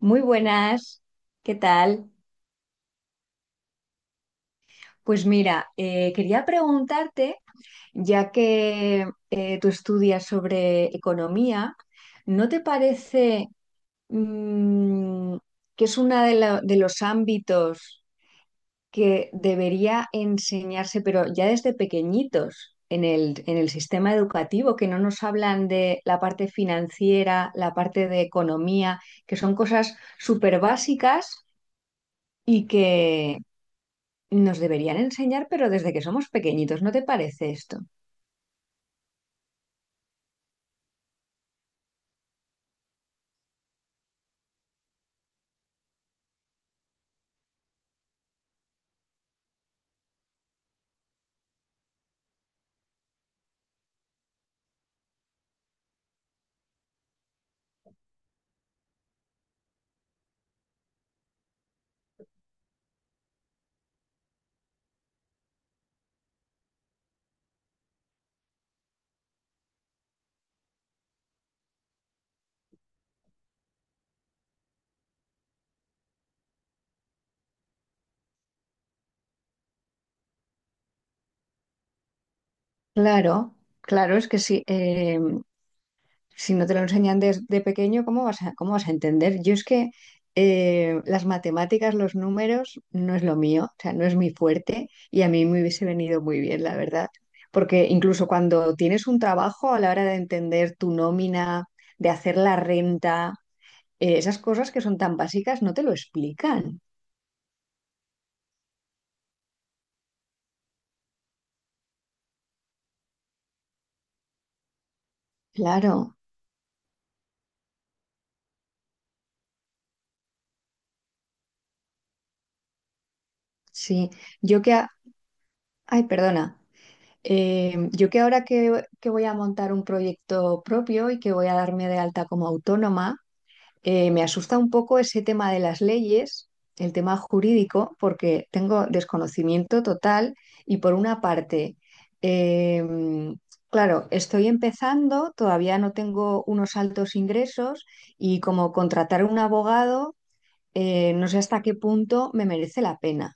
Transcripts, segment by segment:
Muy buenas, ¿qué tal? Pues mira, quería preguntarte, ya que tú estudias sobre economía, ¿no te parece mm, que es uno de, de los ámbitos que debería enseñarse, pero ya desde pequeñitos, en el sistema educativo, que no nos hablan de la parte financiera, la parte de economía, que son cosas súper básicas? Y que, nos deberían enseñar, pero desde que somos pequeñitos, ¿no te parece esto? Claro, claro, es que si no te lo enseñan desde pequeño, ¿cómo vas a entender? Yo es que las matemáticas, los números, no es lo mío, o sea, no es mi fuerte y a mí me hubiese venido muy bien, la verdad. Porque incluso cuando tienes un trabajo, a la hora de entender tu nómina, de hacer la renta, esas cosas que son tan básicas, no te lo explican. Claro, sí. Yo que a- Ay, perdona. Yo que ahora que voy a montar un proyecto propio y que voy a darme de alta como autónoma, me asusta un poco ese tema de las leyes, el tema jurídico, porque tengo desconocimiento total y por una parte, eh, claro, estoy empezando, todavía no tengo unos altos ingresos y como contratar un abogado, no sé hasta qué punto me merece la pena,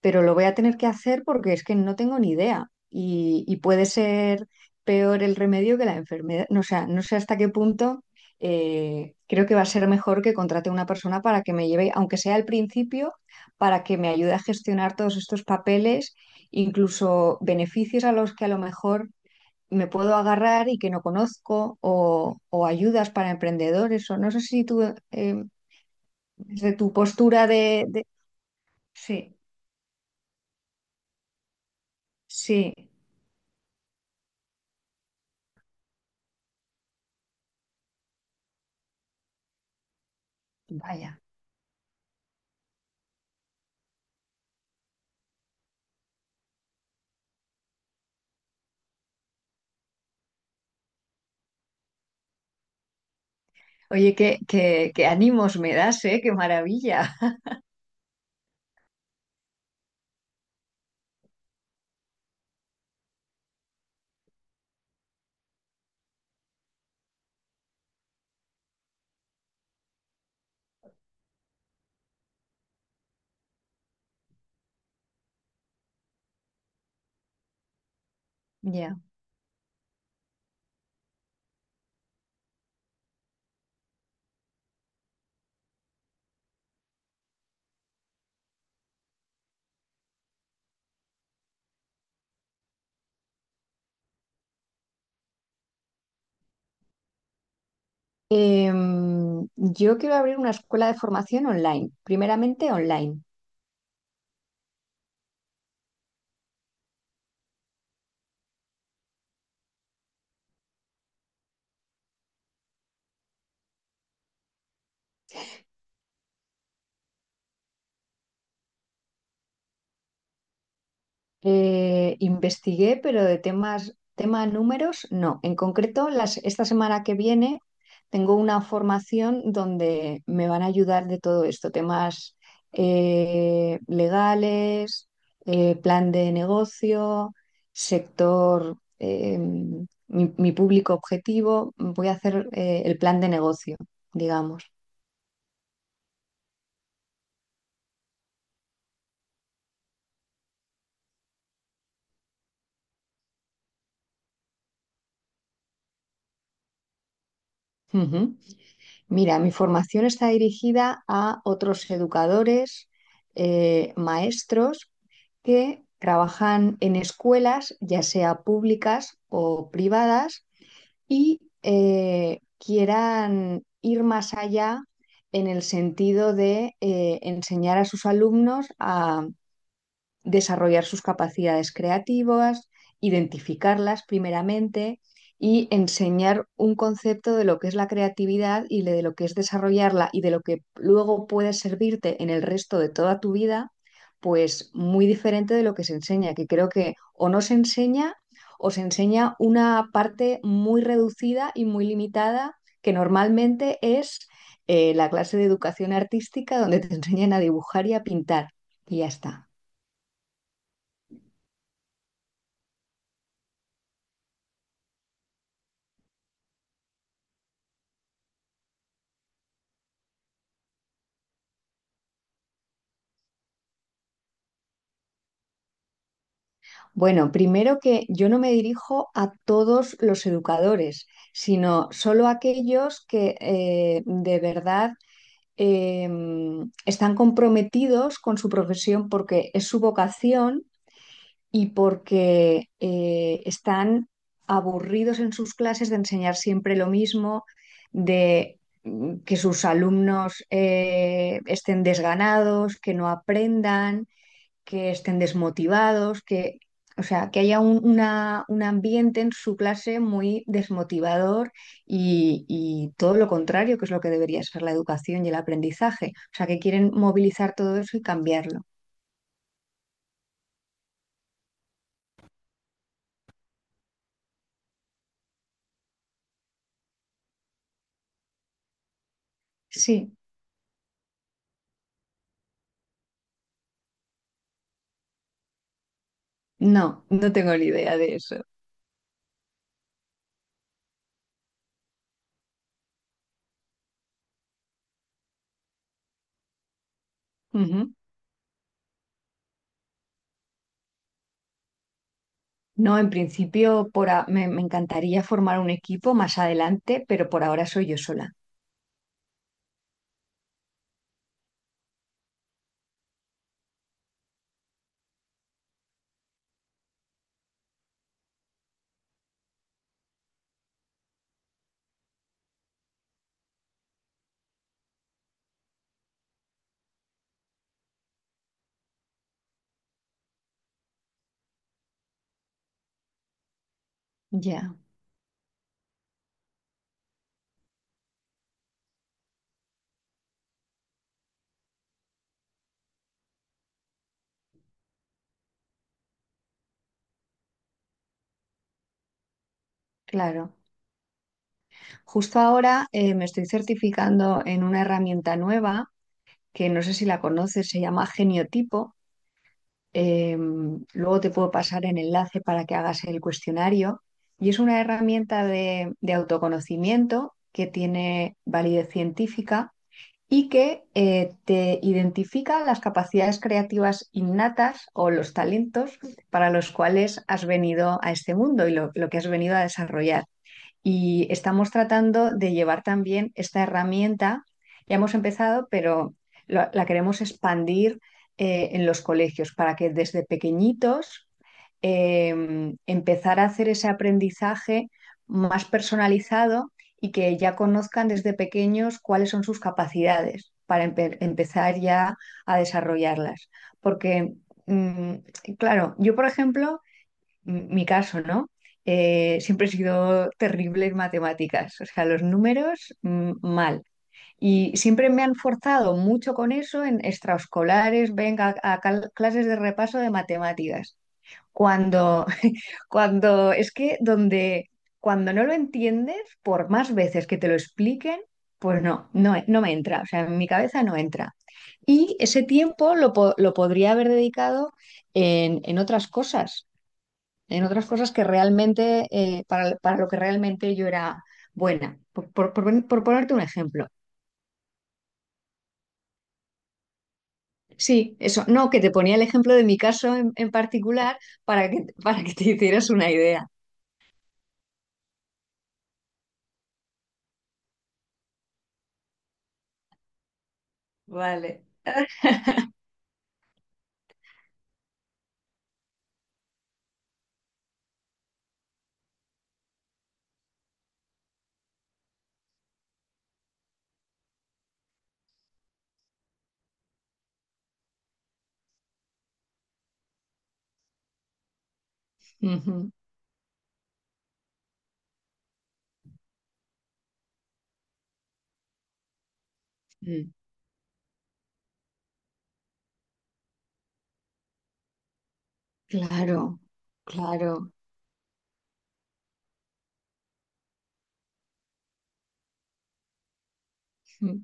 pero lo voy a tener que hacer porque es que no tengo ni idea y puede ser peor el remedio que la enfermedad. No, o sea, no sé hasta qué punto creo que va a ser mejor que contrate una persona para que me lleve, aunque sea al principio, para que me ayude a gestionar todos estos papeles, incluso beneficios a los que a lo mejor me puedo agarrar y que no conozco, o ayudas para emprendedores, o no sé si tú, eh, desde tu postura de. Sí, sí, vaya. Oye, qué ánimos me das, ¿eh? Qué maravilla. Ya. Yo quiero abrir una escuela de formación online, primeramente online. Investigué, pero de tema números, no. En concreto, esta semana que viene tengo una formación donde me van a ayudar de todo esto, temas legales, plan de negocio, sector, mi público objetivo. Voy a hacer el plan de negocio, digamos. Ujú. Mira, mi formación está dirigida a otros educadores, maestros que trabajan en escuelas, ya sea públicas o privadas, y quieran ir más allá en el sentido de enseñar a sus alumnos desarrollar sus capacidades creativas, identificarlas primeramente y enseñar un concepto de lo que es la creatividad y de lo que es desarrollarla y de lo que luego puede servirte en el resto de toda tu vida, pues muy diferente de lo que se enseña, que creo que o no se enseña o se enseña una parte muy reducida y muy limitada que normalmente es la clase de educación artística donde te enseñan a dibujar y a pintar. Y ya está. Bueno, primero que yo no me dirijo a todos los educadores, sino solo a aquellos que de verdad eh, están comprometidos con su profesión porque es su vocación y porque están aburridos en sus clases de enseñar siempre lo mismo, de que sus alumnos estén desganados, que no aprendan, que estén desmotivados, que, o sea, que haya un ambiente en su clase muy desmotivador y todo lo contrario, que es lo que debería ser la educación y el aprendizaje. O sea, que quieren movilizar todo eso y cambiarlo. Sí, no, no tengo ni idea de eso. Ujú. No, en principio me encantaría formar un equipo más adelante, pero por ahora soy yo sola. Ya, claro. Justo ahora me estoy certificando en una herramienta nueva que no sé si la conoces, se llama Geniotipo. Eh, luego te puedo pasar el enlace para que hagas el cuestionario. Y es una herramienta de autoconocimiento que tiene validez científica y que te identifica las capacidades creativas innatas o los talentos para los cuales has venido a este mundo y lo que has venido a desarrollar. Y estamos tratando de llevar también esta herramienta, ya hemos empezado, pero la queremos expandir en los colegios para que desde pequeñitos eh, empezar a hacer ese aprendizaje más personalizado y que ya conozcan desde pequeños cuáles son sus capacidades para empezar ya a desarrollarlas. Porque, mm, claro, yo por ejemplo mi caso, ¿no? Siempre he sido terrible en matemáticas, o sea, los números mal. Y siempre me han forzado mucho con eso en extraescolares, venga, a clases de repaso de matemáticas. Cuando, cuando es que donde, cuando no lo entiendes, por más veces que te lo expliquen, pues no me entra, o sea, en mi cabeza no entra. Y ese tiempo lo podría haber dedicado en, en otras cosas en otras cosas que realmente, para lo que realmente yo era buena. Por ponerte un ejemplo. Sí, eso. No, que te ponía el ejemplo de mi caso en particular para que te hicieras una idea. Vale. Ujú. Mm. Claro, claro. Mm.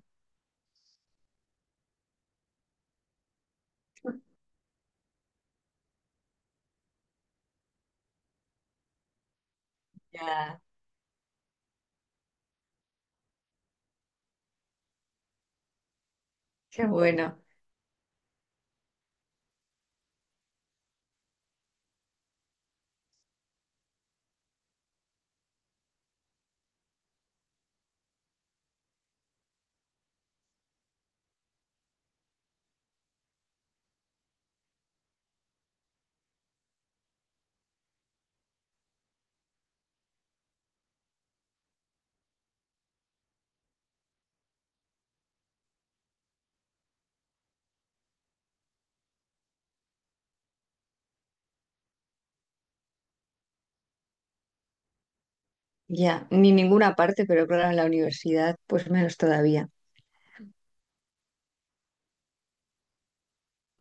Ya, qué bueno. Ya, ni ninguna parte, pero claro, en la universidad, pues menos todavía.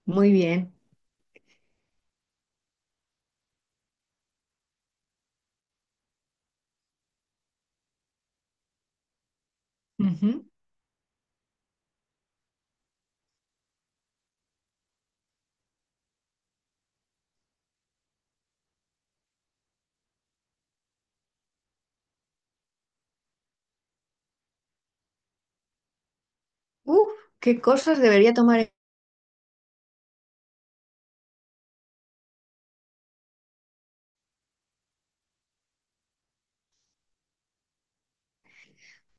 Muy bien. Ujú. Uf, qué cosas debería tomar.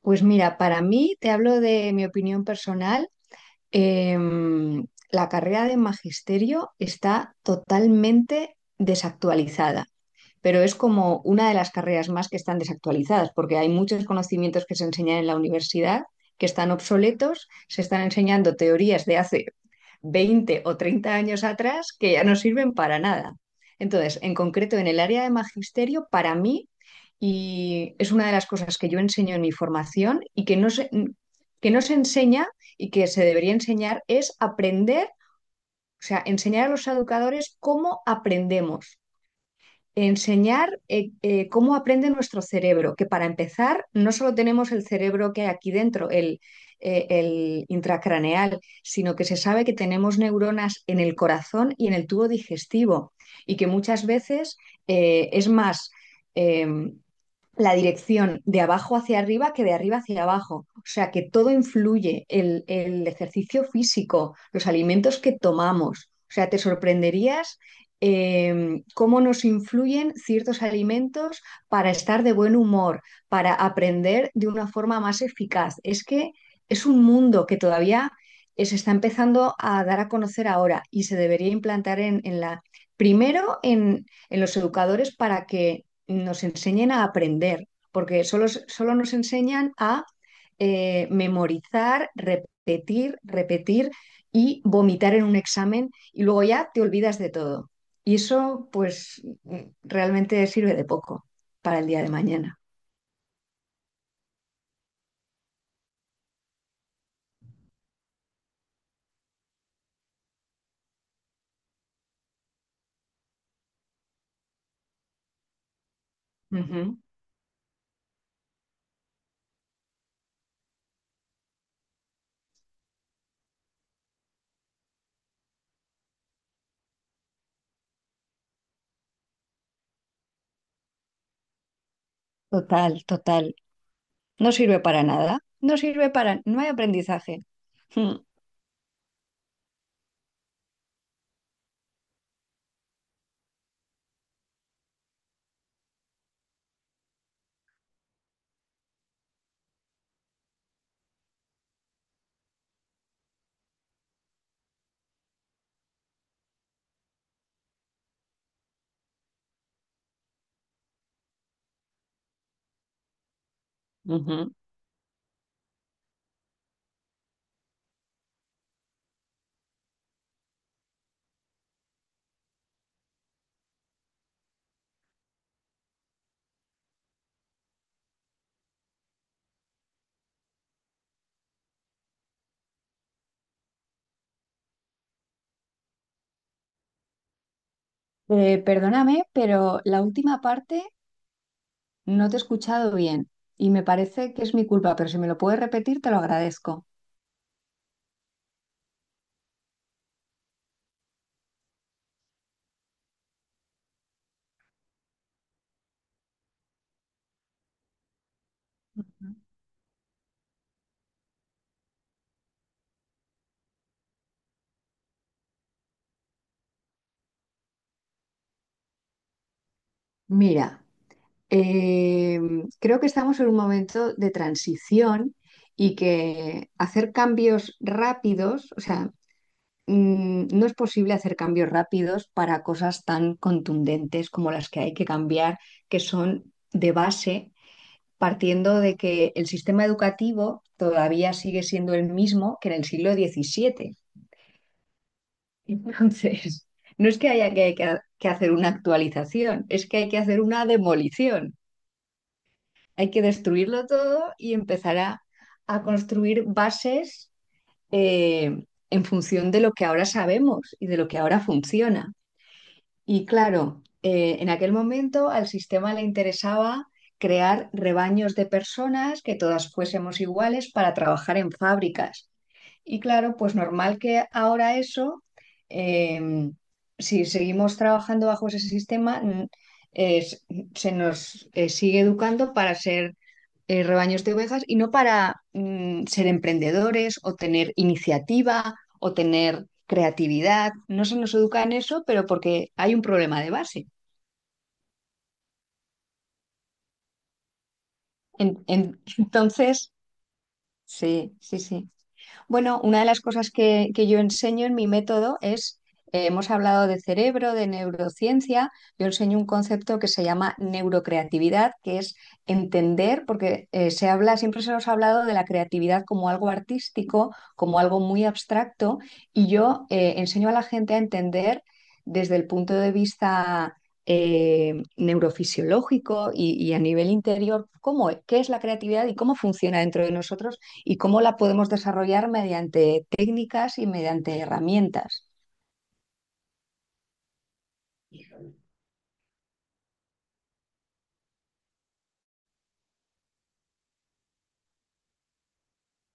Pues mira, para mí, te hablo de mi opinión personal, em, la carrera de magisterio está totalmente desactualizada, pero es como una de las carreras más que están desactualizadas, porque hay muchos conocimientos que se enseñan en la universidad que están obsoletos, se están enseñando teorías de hace 20 o 30 años atrás que ya no sirven para nada. Entonces, en concreto, en el área de magisterio, para mí, y es una de las cosas que yo enseño en mi formación y que no se enseña y que se debería enseñar, es aprender, o sea, enseñar a los educadores cómo aprendemos. Enseñar cómo aprende nuestro cerebro, que para empezar no solo tenemos el cerebro que hay aquí dentro, el intracraneal, sino que se sabe que tenemos neuronas en el corazón y en el tubo digestivo y que muchas veces es más, eh, la dirección de abajo hacia arriba que de arriba hacia abajo. O sea que todo influye, el ejercicio físico, los alimentos que tomamos. O sea, te sorprenderías cómo nos influyen ciertos alimentos para estar de buen humor, para aprender de una forma más eficaz. Es que es un mundo que todavía se está empezando a dar a conocer ahora y se debería implantar primero en los educadores para que nos enseñen a aprender, porque solo nos enseñan a memorizar, repetir, repetir y vomitar en un examen y luego ya te olvidas de todo. Y eso pues realmente sirve de poco para el día de mañana. Uh -huh. Total, total. No sirve para nada. No sirve para. No hay aprendizaje. Uh -huh. Perdóname, pero la última parte no te he escuchado bien y me parece que es mi culpa, pero si me lo puedes repetir, te lo agradezco. Mira, creo que estamos en un momento de transición y que hacer cambios rápidos, o sea, no es posible hacer cambios rápidos para cosas tan contundentes como las que hay que cambiar, que son de base, partiendo de que el sistema educativo todavía sigue siendo el mismo que en el siglo XVII. Entonces, no es que haya que hacer una actualización, es que hay que hacer una demolición. Hay que destruirlo todo y empezar a construir bases eh, en función de lo que ahora sabemos y de lo que ahora funciona. Y claro, en aquel momento al sistema le interesaba crear rebaños de personas que todas fuésemos iguales para trabajar en fábricas y claro, pues normal que ahora eso, em, si seguimos trabajando bajo ese sistema, es- se nos sigue educando para ser rebaños de ovejas y no para ser emprendedores o tener iniciativa o tener creatividad. No se nos educa en eso, pero porque hay un problema de base. Entonces, sí, sí, sí. Bueno, una de las cosas que yo enseño en mi método es, hemos hablado de cerebro, de neurociencia, yo enseño un concepto que se llama neurocreatividad, que es entender, porque se habla, siempre se nos ha hablado de la creatividad como algo artístico, como algo muy abstracto, y yo enseño a la gente a entender desde el punto de vista neurofisiológico y a nivel interior, cómo, qué es la creatividad y cómo funciona dentro de nosotros y cómo la podemos desarrollar mediante técnicas y mediante herramientas.